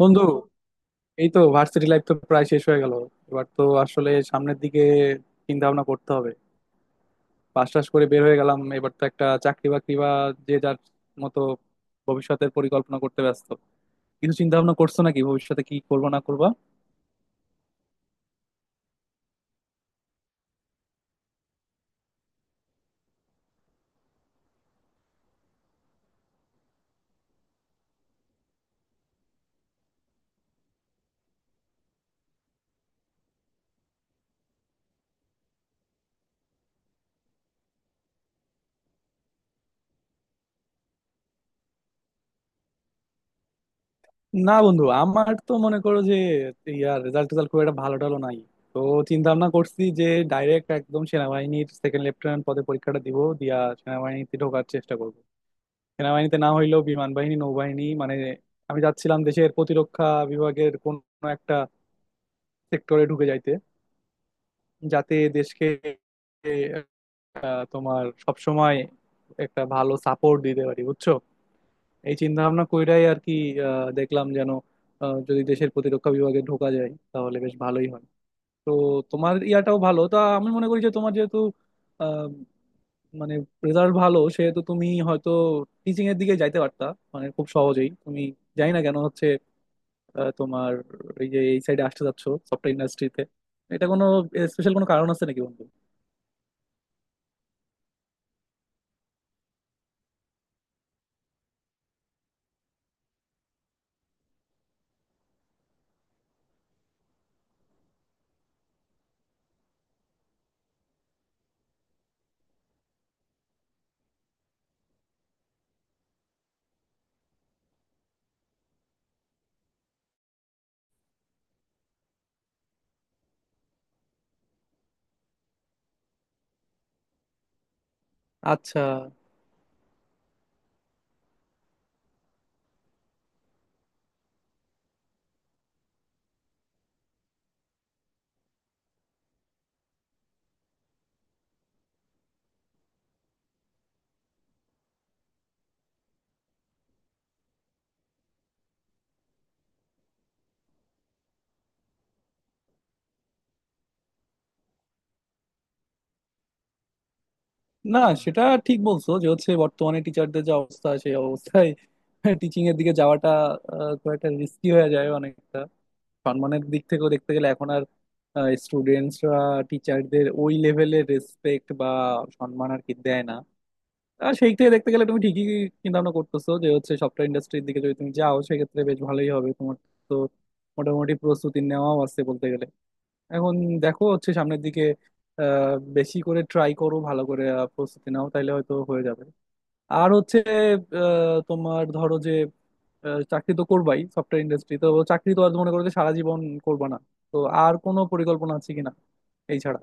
বন্ধু, এই তো ভার্সিটি লাইফ তো প্রায় শেষ হয়ে গেল। এবার তো আসলে সামনের দিকে চিন্তা ভাবনা করতে হবে। পাশ টাশ করে বের হয়ে গেলাম, এবার তো একটা চাকরি বাকরি বা যে যার মতো ভবিষ্যতের পরিকল্পনা করতে ব্যস্ত। কিছু চিন্তা ভাবনা করছো নাকি ভবিষ্যতে কি করবো না করবা? না বন্ধু, আমার তো মনে করো যে ইয়ার রেজাল্ট টেজাল্ট খুব একটা ভালো টালো নাই। তো চিন্তা ভাবনা করছি যে ডাইরেক্ট একদম সেনাবাহিনীর সেকেন্ড লেফটেন্যান্ট পদে পরীক্ষাটা দিব, দিয়া সেনাবাহিনীতে ঢোকার চেষ্টা করব। সেনাবাহিনীতে না হইলেও বিমান বাহিনী, নৌবাহিনী, মানে আমি যাচ্ছিলাম দেশের প্রতিরক্ষা বিভাগের কোন একটা সেক্টরে ঢুকে যাইতে, যাতে দেশকে তোমার সবসময় একটা ভালো সাপোর্ট দিতে পারি, বুঝছো। এই চিন্তা ভাবনা কইরাই আর কি। দেখলাম যেন যদি দেশের প্রতিরক্ষা বিভাগে ঢোকা যায় তাহলে বেশ ভালোই হয়। তো তোমার ইয়াটাও ভালো, তা আমি মনে করি যে তোমার যেহেতু আহ, মানে রেজাল্ট ভালো, সেহেতু তুমি হয়তো টিচিং এর দিকে যাইতে পারতা। মানে খুব সহজেই তুমি জানি না কেন হচ্ছে তোমার এই যে এই সাইডে আসতে যাচ্ছ সফটওয়্যার ইন্ডাস্ট্রিতে, এটা কোনো স্পেশাল কোনো কারণ আছে নাকি বন্ধু? আচ্ছা। না, সেটা ঠিক বলছো যে হচ্ছে বর্তমানে টিচারদের যে অবস্থা, সেই অবস্থায় টিচিং এর দিকে যাওয়াটা খুব একটা রিস্কি হয়ে যায় অনেকটা। সম্মানের দিক থেকেও দেখতে গেলে এখন আর স্টুডেন্টসরা টিচারদের ওই লেভেলের রেসপেক্ট বা সম্মান আর কি দেয় না। আর সেই থেকে দেখতে গেলে তুমি ঠিকই চিন্তা ভাবনা করতেছো যে হচ্ছে সফটওয়্যার ইন্ডাস্ট্রির দিকে যদি তুমি যাও সেক্ষেত্রে বেশ ভালোই হবে তোমার। তো মোটামুটি প্রস্তুতি নেওয়াও আছে বলতে গেলে। এখন দেখো হচ্ছে সামনের দিকে বেশি করে ট্রাই করো, ভালো করে প্রস্তুতি নাও, তাইলে হয়তো হয়ে যাবে। আর হচ্ছে তোমার ধরো যে চাকরি তো করবাই, সফটওয়্যার ইন্ডাস্ট্রি তো চাকরি তো আর মনে করো যে সারা জীবন করবা না। তো আর কোনো পরিকল্পনা আছে কিনা এই ছাড়া?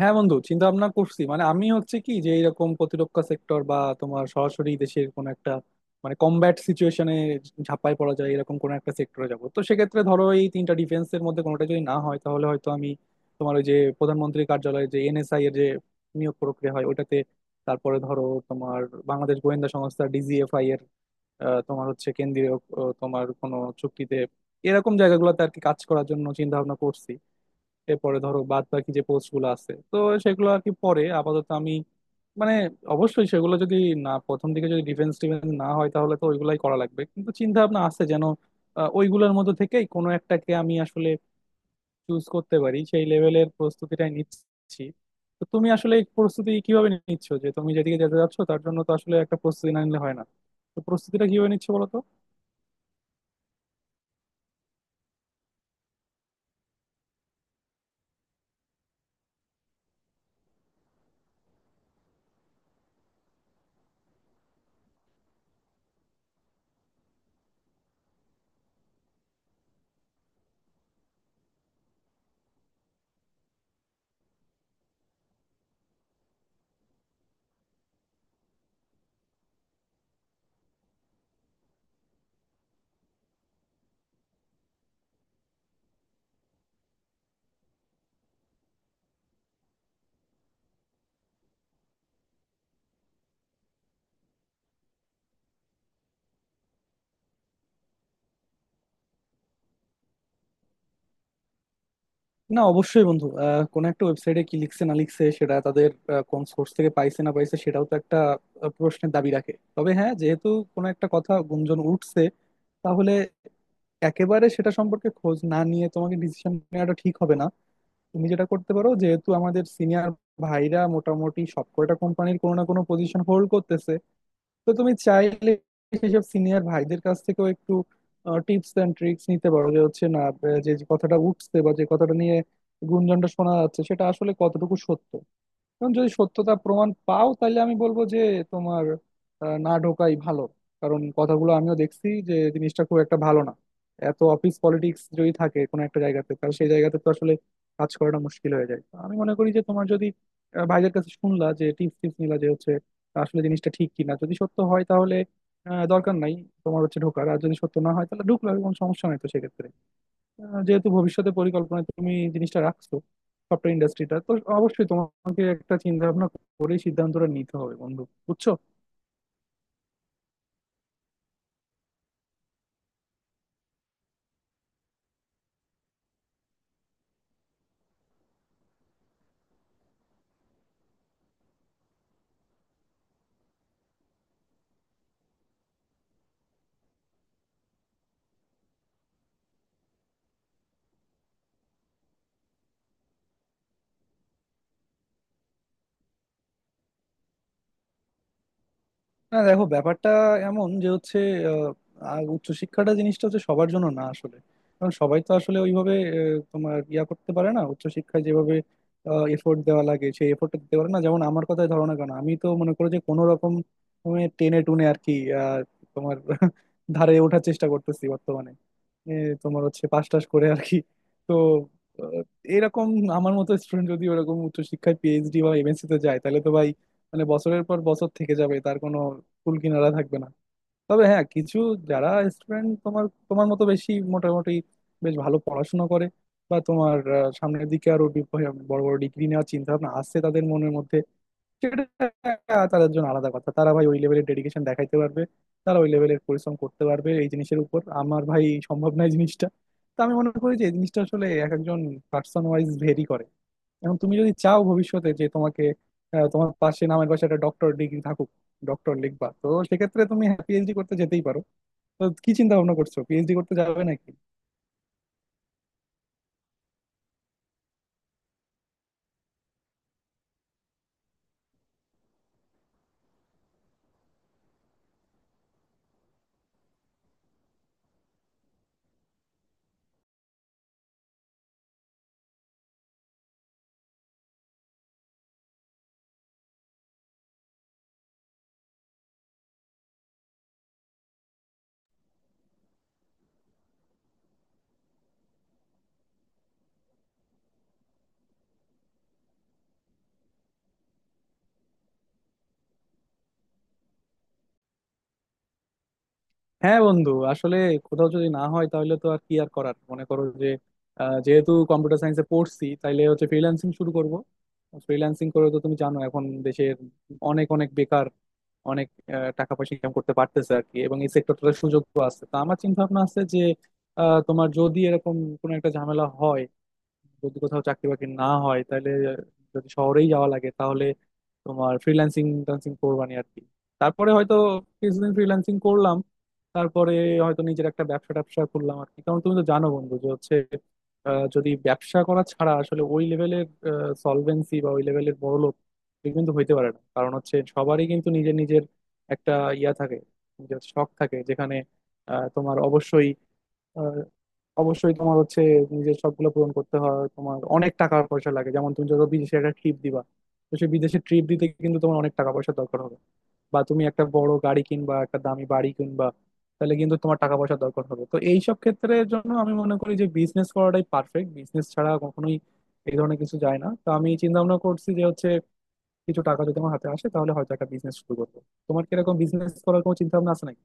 হ্যাঁ বন্ধু, চিন্তা ভাবনা করছি মানে আমি হচ্ছে কি যে এরকম প্রতিরক্ষা সেক্টর বা তোমার সরাসরি দেশের কোনো একটা মানে কমব্যাট সিচুয়েশনে ঝাঁপায় পড়া যায় এরকম কোনো একটা সেক্টরে যাব। তো সেক্ষেত্রে ধরো এই তিনটা ডিফেন্সের মধ্যে কোনোটা যদি না হয় তাহলে হয়তো আমি তোমার ওই যে প্রধানমন্ত্রীর কার্যালয়ে যে এনএসআই এর যে নিয়োগ প্রক্রিয়া হয় ওটাতে, তারপরে ধরো তোমার বাংলাদেশ গোয়েন্দা সংস্থা ডিজিএফআই এর তোমার হচ্ছে কেন্দ্রীয় তোমার কোনো চুক্তিতে, এরকম জায়গাগুলোতে আর কি কাজ করার জন্য চিন্তা ভাবনা করছি। এরপরে ধরো বাদ বাকি যে পোস্ট গুলো আছে, তো সেগুলো আর কি পরে। আপাতত আমি মানে অবশ্যই সেগুলো যদি না, প্রথম দিকে যদি ডিফেন্স টিফেন্স না হয় তাহলে তো ওইগুলাই করা লাগবে, কিন্তু চিন্তা ভাবনা আছে যেন ওইগুলোর মধ্যে থেকেই কোনো একটাকে আমি আসলে চুজ করতে পারি, সেই লেভেলের প্রস্তুতিটাই নিচ্ছি। তো তুমি আসলে এই প্রস্তুতি কিভাবে নিচ্ছ? যে তুমি যেদিকে যেতে যাচ্ছ তার জন্য তো আসলে একটা প্রস্তুতি না নিলে হয় না। তো প্রস্তুতিটা কিভাবে নিচ্ছ বলো তো। না অবশ্যই বন্ধু, কোনো একটা ওয়েবসাইটে কি লিখছে না লিখছে সেটা তাদের কোন সোর্স থেকে পাইছে না পাইছে সেটাও তো একটা প্রশ্নের দাবি রাখে। তবে হ্যাঁ, যেহেতু কোনো একটা কথা গুঞ্জন উঠছে, তাহলে একেবারে সেটা সম্পর্কে খোঁজ না নিয়ে তোমাকে ডিসিশন নেওয়াটা ঠিক হবে না। তুমি যেটা করতে পারো, যেহেতু আমাদের সিনিয়র ভাইরা মোটামুটি সবকটা কোম্পানির কোনো না কোনো পজিশন হোল্ড করতেছে, তো তুমি চাইলে সেসব সিনিয়র ভাইদের কাছ থেকেও একটু টিপস এন্ড ট্রিক্স নিতে পারো। যে হচ্ছে না যে যে কথাটা উঠছে বা যে কথাটা নিয়ে গুঞ্জনটা শোনা যাচ্ছে সেটা আসলে কতটুকু সত্য, এবং যদি সত্যতা প্রমাণ পাও তাহলে আমি বলবো যে তোমার না ঢোকাই ভালো। কারণ কথাগুলো আমিও দেখছি যে জিনিসটা খুব একটা ভালো না। এত অফিস পলিটিক্স যদি থাকে কোনো একটা জায়গাতে তাহলে সেই জায়গাতে তো আসলে কাজ করাটা মুশকিল হয়ে যায়। তো আমি মনে করি যে তোমার যদি ভাইদের কাছে শুনলা যে টিপস টিপস নিলা যে হচ্ছে আসলে জিনিসটা ঠিক কিনা, যদি সত্য হয় তাহলে দরকার নাই তোমার হচ্ছে ঢোকার। আর যদি সত্য না হয় তাহলে ঢুকলো কোনো সমস্যা নাই। তো সেক্ষেত্রে যেহেতু ভবিষ্যতে পরিকল্পনায় তুমি এই জিনিসটা রাখছো সফটওয়্যার ইন্ডাস্ট্রিটা, তো অবশ্যই তোমাকে একটা চিন্তা ভাবনা করে সিদ্ধান্তটা নিতে হবে বন্ধু, বুঝছো। না দেখো ব্যাপারটা এমন যে হচ্ছে আহ, আহ, উচ্চশিক্ষাটা জিনিসটা হচ্ছে সবার জন্য না আসলে। কারণ সবাই তো আসলে ওইভাবে তোমার ইয়া করতে পারে না। উচ্চশিক্ষায় যেভাবে এফোর্ট দেওয়া লাগে সেই এফোর্টটা দিতে পারে না। যেমন আমার কথাই ধরো না কেন, আমি তো মনে করো যে কোনো রকম তুমি টেনে টুনে আর কি আহ, তোমার ধারে ওঠার চেষ্টা করতেছি বর্তমানে। এ, তোমার হচ্ছে পাস টাস করে আর কি। তো আহ, এরকম আমার মতো স্টুডেন্ট যদি ওরকম উচ্চশিক্ষায় পিএইচডি বা এমএসসি তে যায় তাহলে তো ভাই, মানে বছরের পর বছর থেকে যাবে, তার কোনো কুল কিনারা থাকবে না। তবে হ্যাঁ, কিছু যারা স্টুডেন্ট তোমার তোমার মতো বেশি মোটামুটি বেশ ভালো পড়াশোনা করে বা তোমার সামনের দিকে আরো বড় বড় ডিগ্রি নেওয়ার চিন্তা ভাবনা আসছে তাদের মনের মধ্যে, সেটা তাদের জন্য আলাদা কথা। তারা ভাই ওই লেভেলের ডেডিকেশন দেখাইতে পারবে, তারা ওই লেভেলের পরিশ্রম করতে পারবে। এই জিনিসের উপর আমার ভাই সম্ভব নয় জিনিসটা। তো আমি মনে করি যে এই জিনিসটা আসলে এক একজন পার্সন ওয়াইজ ভেরি করে। এখন তুমি যদি চাও ভবিষ্যতে যে তোমাকে তোমার পাশে, নামের পাশে একটা ডক্টর ডিগ্রি থাকুক, ডক্টর লিখবা, তো সেক্ষেত্রে তুমি পিএইচডি করতে যেতেই পারো। তো কি চিন্তা ভাবনা করছো, পিএইচডি করতে যাবে নাকি? হ্যাঁ বন্ধু, আসলে কোথাও যদি না হয় তাহলে তো আর কি আর করার, মনে করো যে যেহেতু কম্পিউটার সায়েন্সে পড়ছি তাইলে হচ্ছে ফ্রিল্যান্সিং শুরু করব। ফ্রিল্যান্সিং করে তো তুমি জানো এখন দেশের অনেক অনেক বেকার অনেক টাকা পয়সা ইনকাম করতে পারতেছে আর কি। এবং এই সেক্টরটাতে সুযোগও আছে। তো আমার চিন্তা ভাবনা আছে যে তোমার যদি এরকম কোনো একটা ঝামেলা হয়, যদি কোথাও চাকরি বাকরি না হয় তাহলে, যদি শহরেই যাওয়া লাগে তাহলে তোমার ফ্রিল্যান্সিং ট্যান্সিং করবানি আর কি। তারপরে হয়তো কিছুদিন ফ্রিল্যান্সিং করলাম, তারপরে হয়তো নিজের একটা ব্যবসা ট্যাবসা খুললাম আর কি। কারণ তুমি তো জানো বন্ধু যে হচ্ছে যদি ব্যবসা করা ছাড়া আসলে ওই লেভেলের সলভেন্সি বা ওই লেভেলের বড়লোক কেউ কিন্তু হইতে পারে না। কারণ হচ্ছে সবারই কিন্তু নিজের নিজের একটা ইয়া থাকে, নিজের শখ থাকে, যেখানে তোমার অবশ্যই অবশ্যই তোমার হচ্ছে নিজের শখগুলো পূরণ করতে হয়। তোমার অনেক টাকা পয়সা লাগে। যেমন তুমি যত বিদেশে একটা ট্রিপ দিবা, তো সেই বিদেশে ট্রিপ দিতে কিন্তু তোমার অনেক টাকা পয়সা দরকার হবে। বা তুমি একটা বড় গাড়ি কিনবা, একটা দামি বাড়ি কিনবা, তাহলে কিন্তু তোমার টাকা পয়সা দরকার হবে। তো এইসব ক্ষেত্রের জন্য আমি মনে করি যে বিজনেস করাটাই পারফেক্ট। বিজনেস ছাড়া কখনোই এই ধরনের কিছু যায় না। তো আমি চিন্তা ভাবনা করছি যে হচ্ছে কিছু টাকা যদি আমার হাতে আসে তাহলে হয়তো একটা বিজনেস শুরু করবো। তোমার কিরকম বিজনেস করার কোনো চিন্তা ভাবনা আছে নাকি?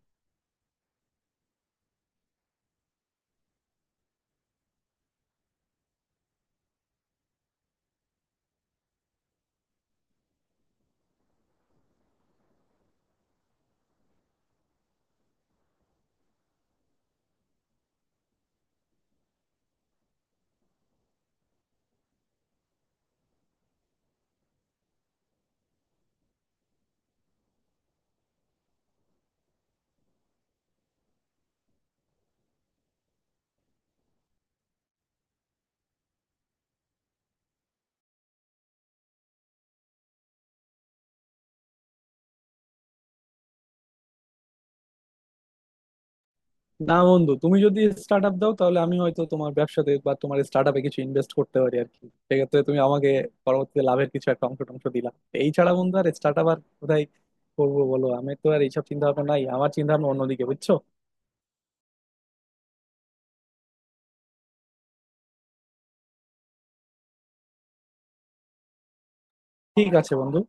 না বন্ধু, তুমি যদি স্টার্ট আপ দাও তাহলে আমি হয়তো তোমার ব্যবসাতে বা তোমার স্টার্ট আপে কিছু ইনভেস্ট করতে পারি আর কি। সেক্ষেত্রে তুমি আমাকে পরবর্তীতে লাভের কিছু একটা অংশ টংশ দিলা। এই ছাড়া বন্ধু আর স্টার্ট আপ আর কোথায় করবো বলো? আমি তো আর এইসব চিন্তা ভাবনা নাই, আমার চিন্তা ভাবনা অন্যদিকে, বুঝছো। ঠিক আছে বন্ধু।